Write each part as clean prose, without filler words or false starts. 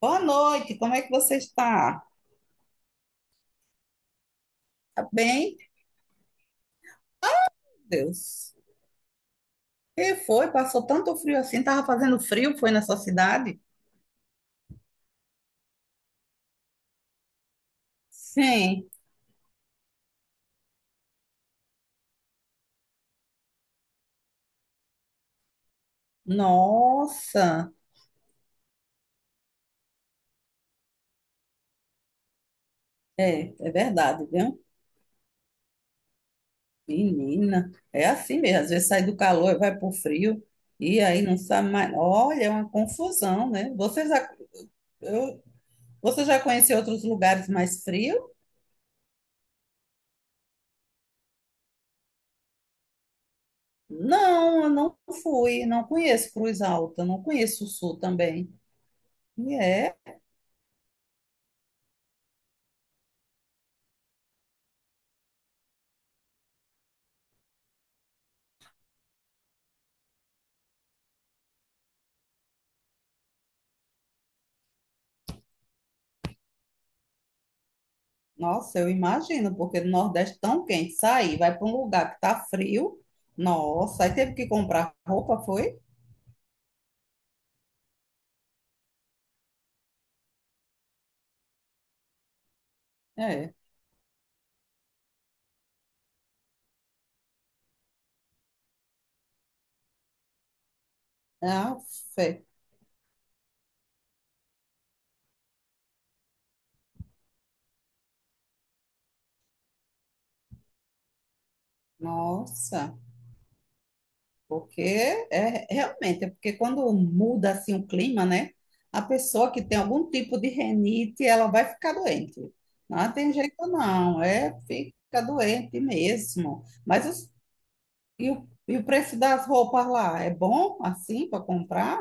Boa noite, como é que você está? Tá bem? Meu Deus. Que foi? Passou tanto frio assim? Tava fazendo frio, foi nessa cidade? Sim. Nossa. É, é verdade, viu? Menina, é assim mesmo. Às vezes sai do calor e vai pro frio e aí não sabe mais. Olha, é uma confusão, né? Eu, você já conheceu outros lugares mais frios? Não, eu não fui, não conheço Cruz Alta, não conheço o Sul também. E é. Nossa, eu imagino, porque no Nordeste tão quente, sair, vai para um lugar que tá frio. Nossa, aí teve que comprar roupa, foi? É. Ah, fé. Nossa, porque é realmente, é porque quando muda assim o clima, né? A pessoa que tem algum tipo de renite, ela vai ficar doente. Não tem jeito não, é fica doente mesmo. E o preço das roupas lá é bom assim para comprar?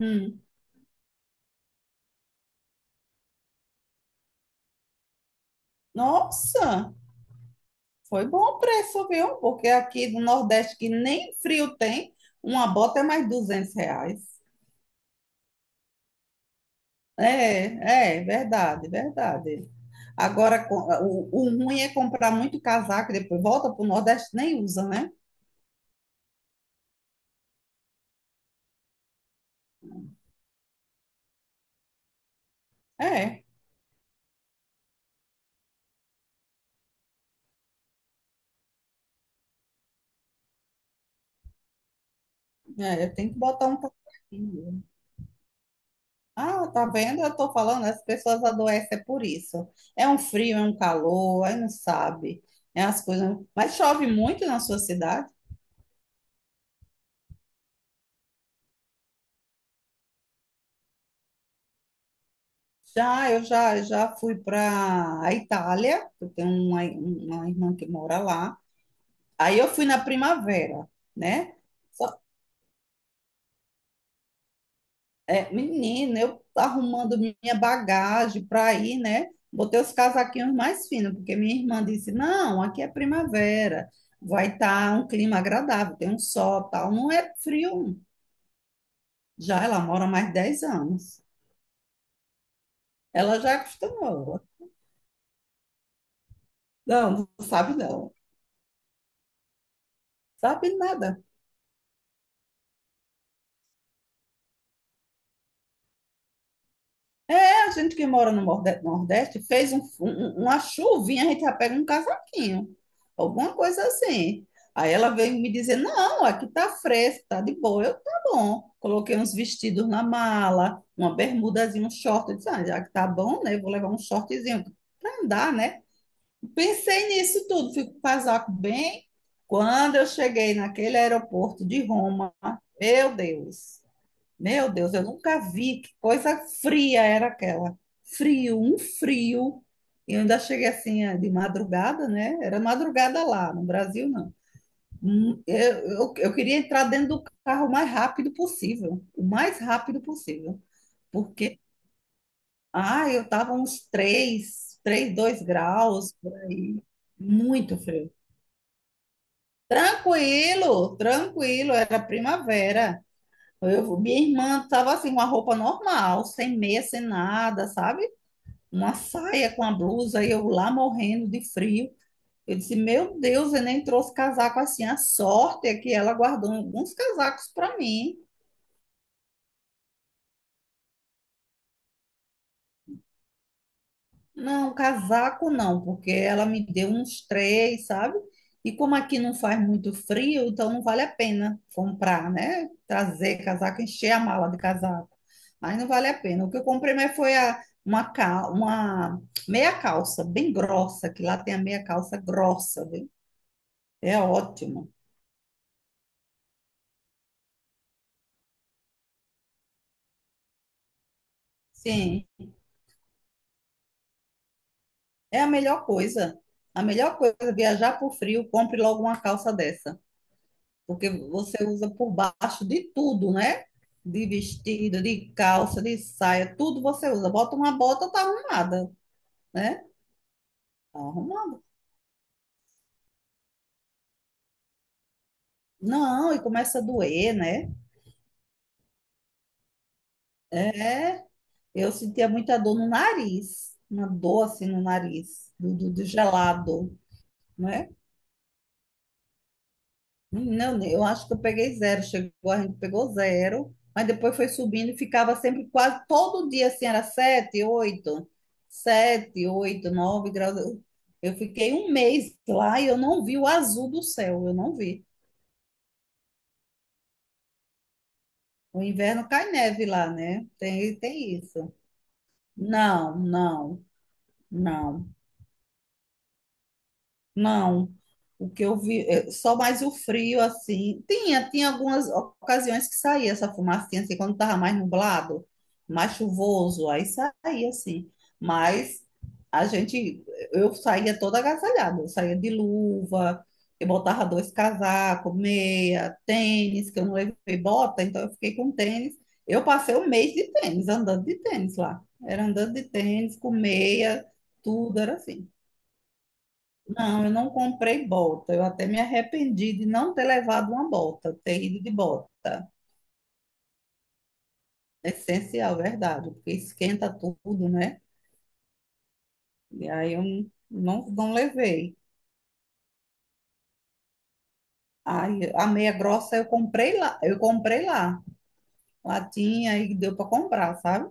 Hum. Nossa! Foi bom o preço, viu? Porque aqui no Nordeste, que nem frio tem, uma bota é mais R$ 200. É, é, verdade, verdade. Agora, o ruim é comprar muito casaco, depois volta para o Nordeste, nem usa, né? É, é, tem que botar um casaquinho. Ah, tá vendo? Eu tô falando, as pessoas adoecem é por isso. É um frio, é um calor, aí não sabe. É as coisas. Mas chove muito na sua cidade? Já, eu já fui para a Itália, eu tenho uma irmã que mora lá. Aí eu fui na primavera, né? Só- é, menina, eu arrumando minha bagagem para ir, né? Botei os casaquinhos mais finos, porque minha irmã disse: não, aqui é primavera, vai estar um clima agradável, tem um sol, tal. Não é frio. Já ela mora há mais de 10 anos. Ela já acostumou. Não, não sabe não. Sabe nada. A gente que mora no Nordeste fez uma chuvinha, a gente já pega um casaquinho, alguma coisa assim. Aí ela veio me dizer: não, aqui tá fresco, tá de boa. Eu, tá bom. Coloquei uns vestidos na mala, uma bermudazinha, um short. Eu disse: ah, já que tá bom, né? eu vou levar um shortzinho pra andar, né? Pensei nisso tudo, fui com o casaco bem. Quando eu cheguei naquele aeroporto de Roma, meu Deus. Meu Deus, eu nunca vi que coisa fria era aquela. Frio, um frio. E eu ainda cheguei assim de madrugada, né? Era madrugada lá, no Brasil não. Hum, Eu, eu queria entrar dentro do carro o mais rápido possível, o mais rápido possível. Porque, ah, eu tava uns 3, 3 2 graus por aí. Muito frio. Tranquilo, tranquilo, era primavera. Minha irmã tava assim, com a roupa normal, sem meia, sem nada, sabe? Uma saia com a blusa e eu lá morrendo de frio. Eu disse, meu Deus, eu nem trouxe casaco assim. A sorte é que ela guardou alguns casacos para mim. Não, casaco não, porque ela me deu uns três, sabe? E como aqui não faz muito frio, então não vale a pena comprar, né? Trazer casaco, encher a mala de casaco. Aí não vale a pena. O que eu comprei mais foi a- uma, cal- uma meia calça bem grossa, que lá tem a meia calça grossa, viu? É ótimo. Sim, é a melhor coisa. A melhor coisa, é viajar por frio, compre logo uma calça dessa. Porque você usa por baixo de tudo, né? De vestido, de calça, de saia, tudo você usa. Bota uma bota, tá arrumada, né? Tá arrumada. Não, e começa a doer, né? É, eu sentia muita dor no nariz, uma dor assim no nariz, do gelado, né? Não, eu acho que eu peguei zero. Chegou, a gente pegou zero, mas depois foi subindo e ficava sempre quase todo dia assim, era 7, 8, 7, 8, 9 graus. Eu fiquei um mês lá e eu não vi o azul do céu, eu não vi. No inverno cai neve lá, né? Tem, tem isso. Não, não, não. Não, o que eu vi, é, só mais o frio, assim. Tinha algumas ocasiões que saía essa fumacinha, assim, quando estava mais nublado, mais chuvoso, aí saía, assim. Mas a gente, eu saía toda agasalhada, eu saía de luva, eu botava dois casacos, meia, tênis, que eu não levei bota, então eu fiquei com tênis. Eu passei um mês de tênis, andando de tênis lá. Era andando de tênis, com meia, tudo era assim. Não, eu não comprei bota. Eu até me arrependi de não ter levado uma bota, ter ido de bota. É essencial, verdade, porque esquenta tudo, né? E aí eu não, não levei. Aí a meia grossa eu comprei lá, eu comprei lá. Lá tinha e deu para comprar, sabe?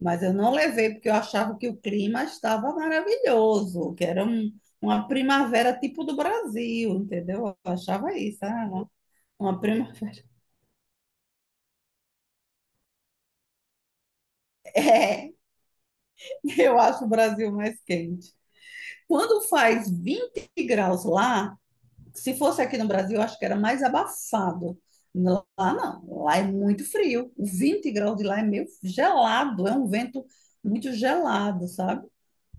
Mas eu não levei porque eu achava que o clima estava maravilhoso, que era uma primavera tipo do Brasil, entendeu? Eu achava isso, ah, uma primavera. Eu acho o Brasil mais quente. Quando faz 20 graus lá, se fosse aqui no Brasil, eu acho que era mais abafado. Lá não, lá é muito frio. O 20 graus de lá é meio gelado, é um vento muito gelado, sabe?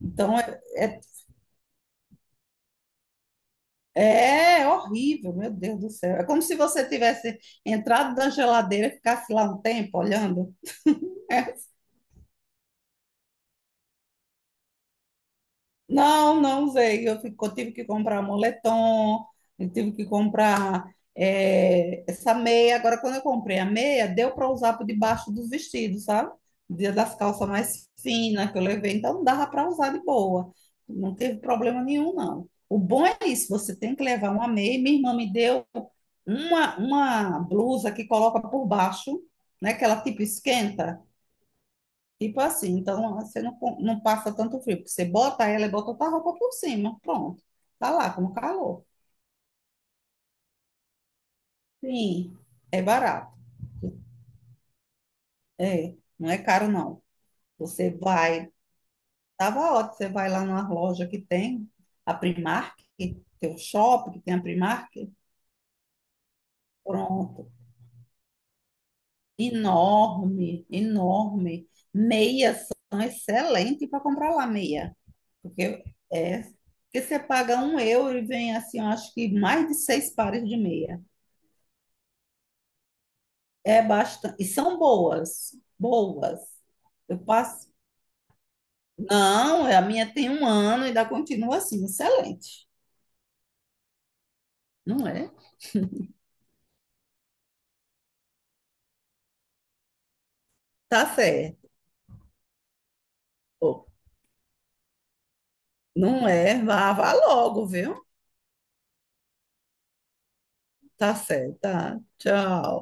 Então é horrível, meu Deus do céu. É como se você tivesse entrado na geladeira e ficasse lá um tempo olhando. É, não, não usei. Eu tive que comprar moletom, eu tive que comprar essa meia. Agora, quando eu comprei a meia, deu para usar por debaixo dos vestidos, sabe? Dia das calças mais finas que eu levei, então dava para usar de boa. Não teve problema nenhum, não. O bom é isso, você tem que levar uma meia. Minha irmã me deu uma blusa que coloca por baixo, né? Que ela tipo esquenta. Tipo assim, então você não, não passa tanto frio, porque você bota ela e bota outra roupa por cima, pronto. Tá lá com calor. Sim, é barato. É, não é caro não. Você vai, tava ótimo, você vai lá numa loja que tem a Primark, tem o shopping que tem a Primark, pronto. Enorme, enorme. Meias são excelentes para comprar lá meia, porque porque você paga 1 euro e vem assim, eu acho que mais de seis pares de meia. É bastante. E são boas, boas. Eu passo. Não, a minha tem um ano e ainda continua assim, excelente. Não é? Tá certo. Não é? Vá, vá logo, viu? Tá certo. Tá. Tchau.